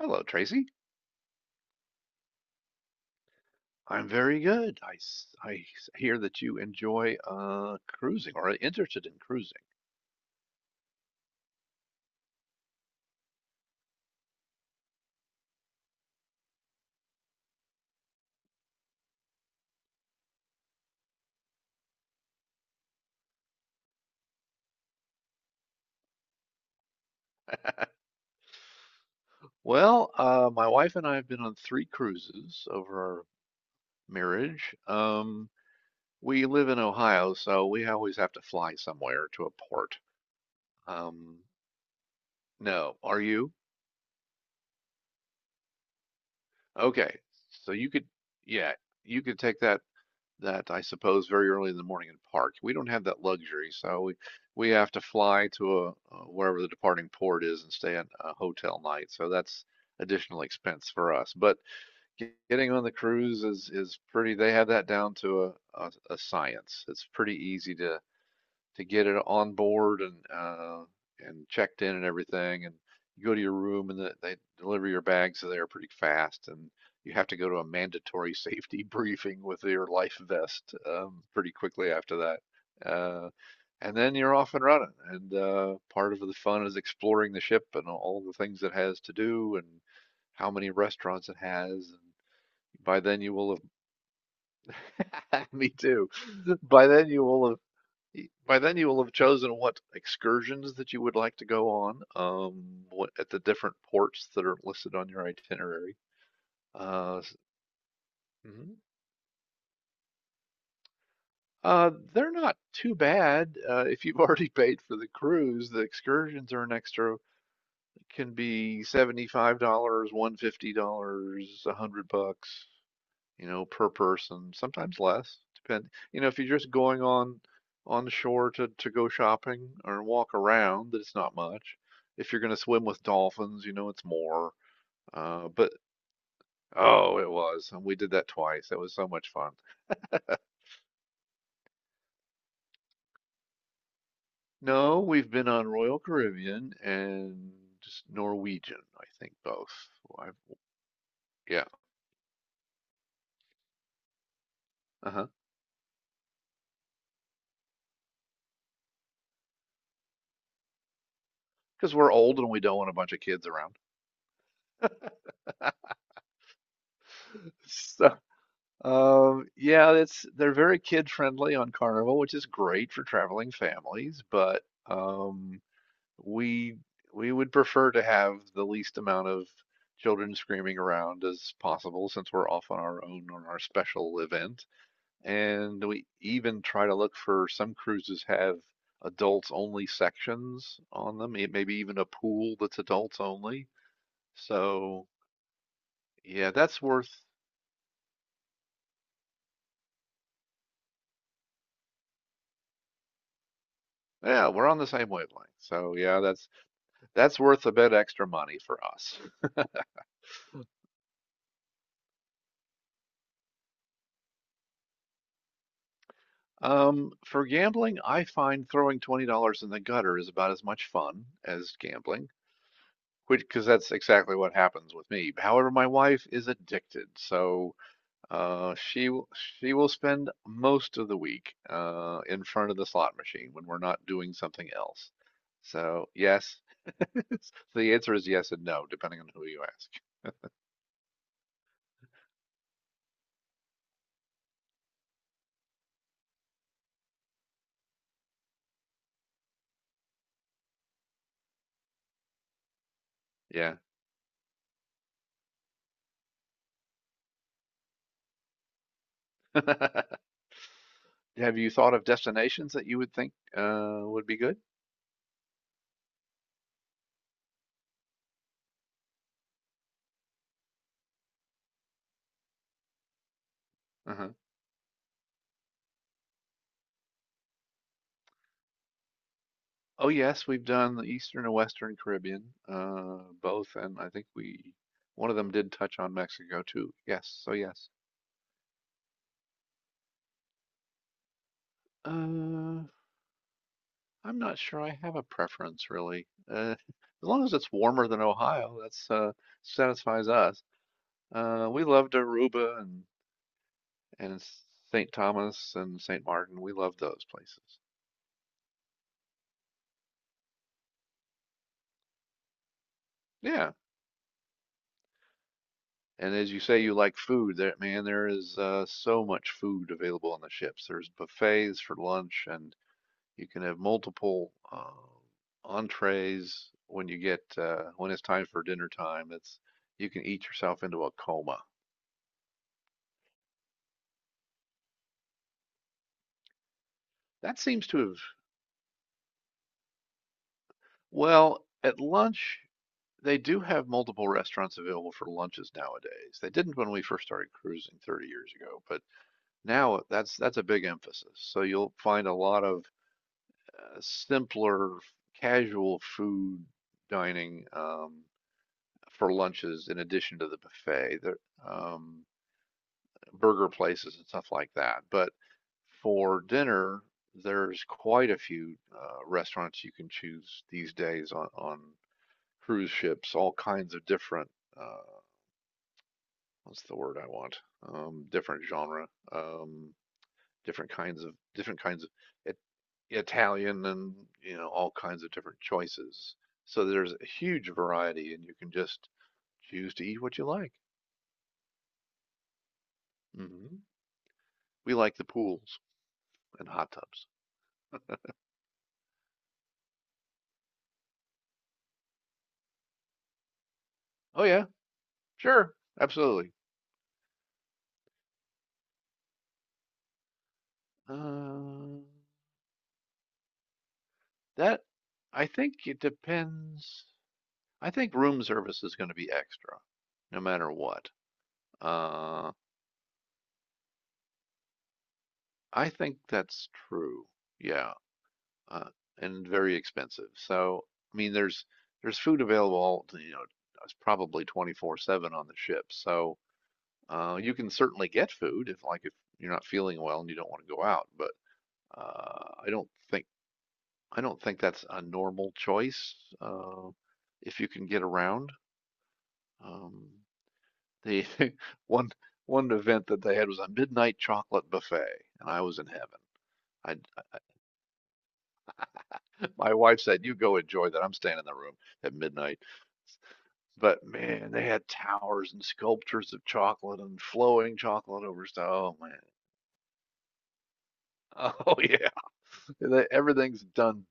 Hello, Tracy. I'm very good. I hear that you enjoy cruising or are interested in cruising. Well, my wife and I have been on three cruises over our marriage. We live in Ohio, so we always have to fly somewhere to a port. Um, no, are you? Okay, so you could, yeah, you could take that I suppose very early in the morning and park. We don't have that luxury, so we have to fly to a wherever the departing port is and stay at a hotel night. So that's additional expense for us. But getting on the cruise is pretty. They have that down to a science. It's pretty easy to get it on board and checked in and everything. And you go to your room and they deliver your bags there pretty fast. And you have to go to a mandatory safety briefing with your life vest pretty quickly after that. Uh, and then you're off and running. And part of the fun is exploring the ship and all the things it has to do and how many restaurants it has. And by then you will have, me too. By then you will have by then you will have chosen what excursions that you would like to go on, what at the different ports that are listed on your itinerary. uh s- mhm. They're not too bad. If you've already paid for the cruise, the excursions are an extra. Can be $75, $150, a 100 bucks, you know, per person, sometimes less. You know, if you're just going on the shore to go shopping or walk around, that it's not much. If you're going to swim with dolphins, you know, it's more. But Oh, it was, and we did that twice. That was so much fun. No, we've been on Royal Caribbean and just Norwegian, I think both. I Yeah, uh-huh. Because we're old and we don't want a bunch of kids around. So yeah, it's they're very kid friendly on Carnival, which is great for traveling families, but we we would prefer to have the least amount of children screaming around as possible since we're off on our own on our special event. And we even try to look for some cruises have adults only sections on them, maybe even a pool that's adults only. So, yeah, that's worth, yeah, we're on the same wavelength. That's worth a bit extra money for us. For gambling, I find throwing $20 in the gutter is about as much fun as gambling, which because that's exactly what happens with me. However, my wife is addicted, so uh, she will- she will spend most of the week in front of the slot machine when we're not doing something else. So yes, the answer is yes and no, depending on who you ask. Yeah. Have you thought of destinations that you would think would be good? Uh-huh. Oh yes, we've done the Eastern and Western Caribbean, both, and I think we one of them did touch on Mexico too. Yes, so yes. Uh, I'm not sure I have a preference really. Uh, as long as it's warmer than Ohio, that's satisfies us. We loved Aruba and St. Thomas and St. Martin. We love those places. Yeah, and as you say, you like food. There, man, there is so much food available on the ships. There's buffets for lunch, and you can have multiple entrees when you get when it's time for dinner time. That's You can eat yourself into a coma. That seems to have Well, at lunch they do have multiple restaurants available for lunches nowadays. They didn't when we first started cruising 30 years ago, but now that's a big emphasis. So you'll find a lot of simpler, casual food dining, for lunches in addition to the buffet. There, um, burger places and stuff like that. But for dinner, there's quite a few restaurants you can choose these days on cruise ships, all kinds of different, uh, what's the word I want? Different genre, different kinds of it, Italian, and, you know, all kinds of different choices. So there's a huge variety and you can just choose to eat what you like. hmm We like the pools and hot tubs. Oh yeah. Sure, absolutely. Uh, that I think it depends. I think room service is going to be extra, no matter what. Uh, I think that's true. Yeah, uh, and very expensive. So, I mean, there's food available, you know, it's probably 24/7 on the ship. So, you can certainly get food if, like, if you're not feeling well and you don't want to go out. But uh, I don't think I don't think that's a normal choice, uh, if you can get around. Um, the one one event that they had was a midnight chocolate buffet, and I was in heaven. I, I My wife said, "You go enjoy that. I'm staying in the room at midnight." But man, they had towers and sculptures of chocolate and flowing chocolate over stuff. Oh man, oh yeah, everything's done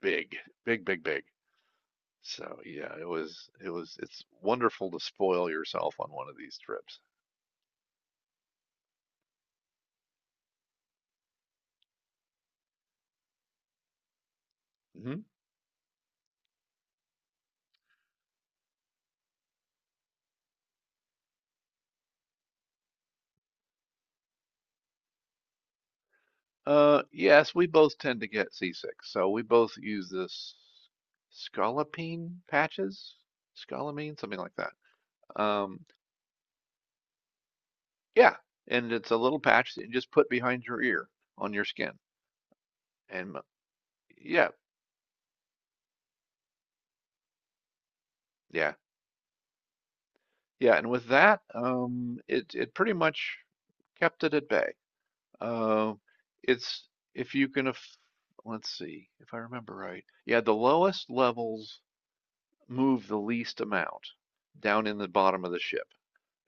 big, big. So yeah, it was it's wonderful to spoil yourself on one of these trips. hmm yes, we both tend to get seasick, so we both use this scopolamine patches, scopolamine, something like that. Um, yeah, and it's a little patch that you just put behind your ear on your skin, and m- yeah, yeah, yeah. And with that, it it pretty much kept it at bay. Uh, it's, if you can, let's see, if I remember right. Yeah, the lowest levels move the least amount down in the bottom of the ship.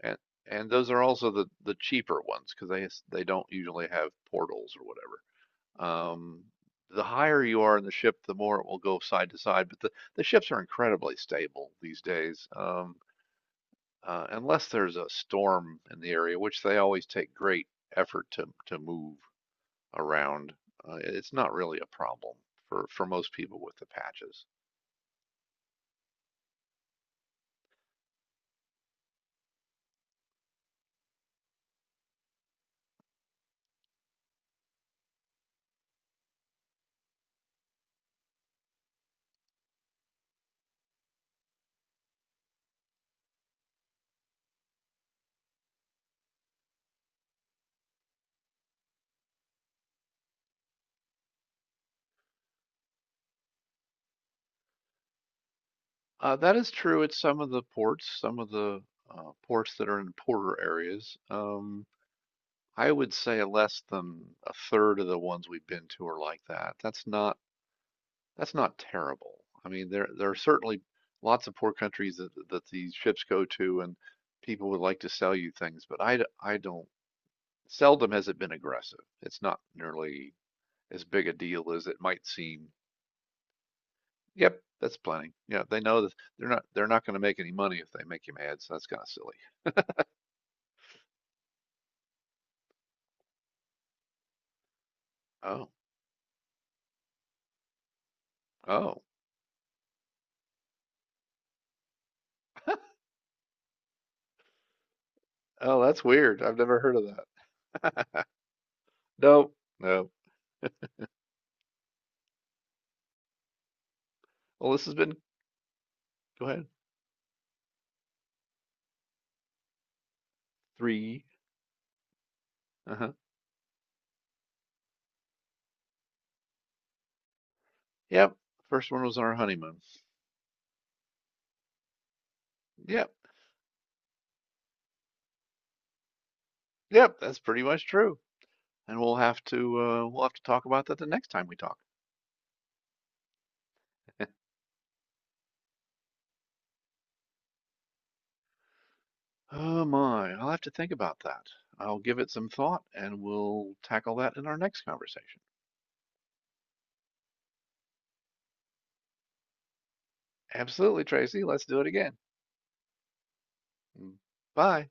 And, and those are also the cheaper ones because they don't usually have portals or whatever. Um, the higher you are in the ship, the more it will go side to side. But the ships are incredibly stable these days. Unless there's a storm in the area, which they always take great effort to move around, it's not really a problem for most people with the patches. That is true at some of the ports, some of the ports that are in poorer areas. I would say less than a third of the ones we've been to are like that. That's not terrible. I mean, there are certainly lots of poor countries that these ships go to, and people would like to sell you things, but I don't. Seldom has it been aggressive. It's not nearly as big a deal as it might seem. Yep, that's planning. Yeah, they know that they're not going to make any money if they make you mad, so that's kind of silly. Oh, oh, oh, that's weird. I've never heard of that. Nope, no. Well, this has been, go ahead. Three. Uh-huh. Yep. First one was on our honeymoon. Yep. Yep, that's pretty much true. And we'll have to talk about that the next time we talk. Oh my, I'll have to think about that. I'll give it some thought and we'll tackle that in our next conversation. Absolutely, Tracy. Let's do it again. Mm, Bye.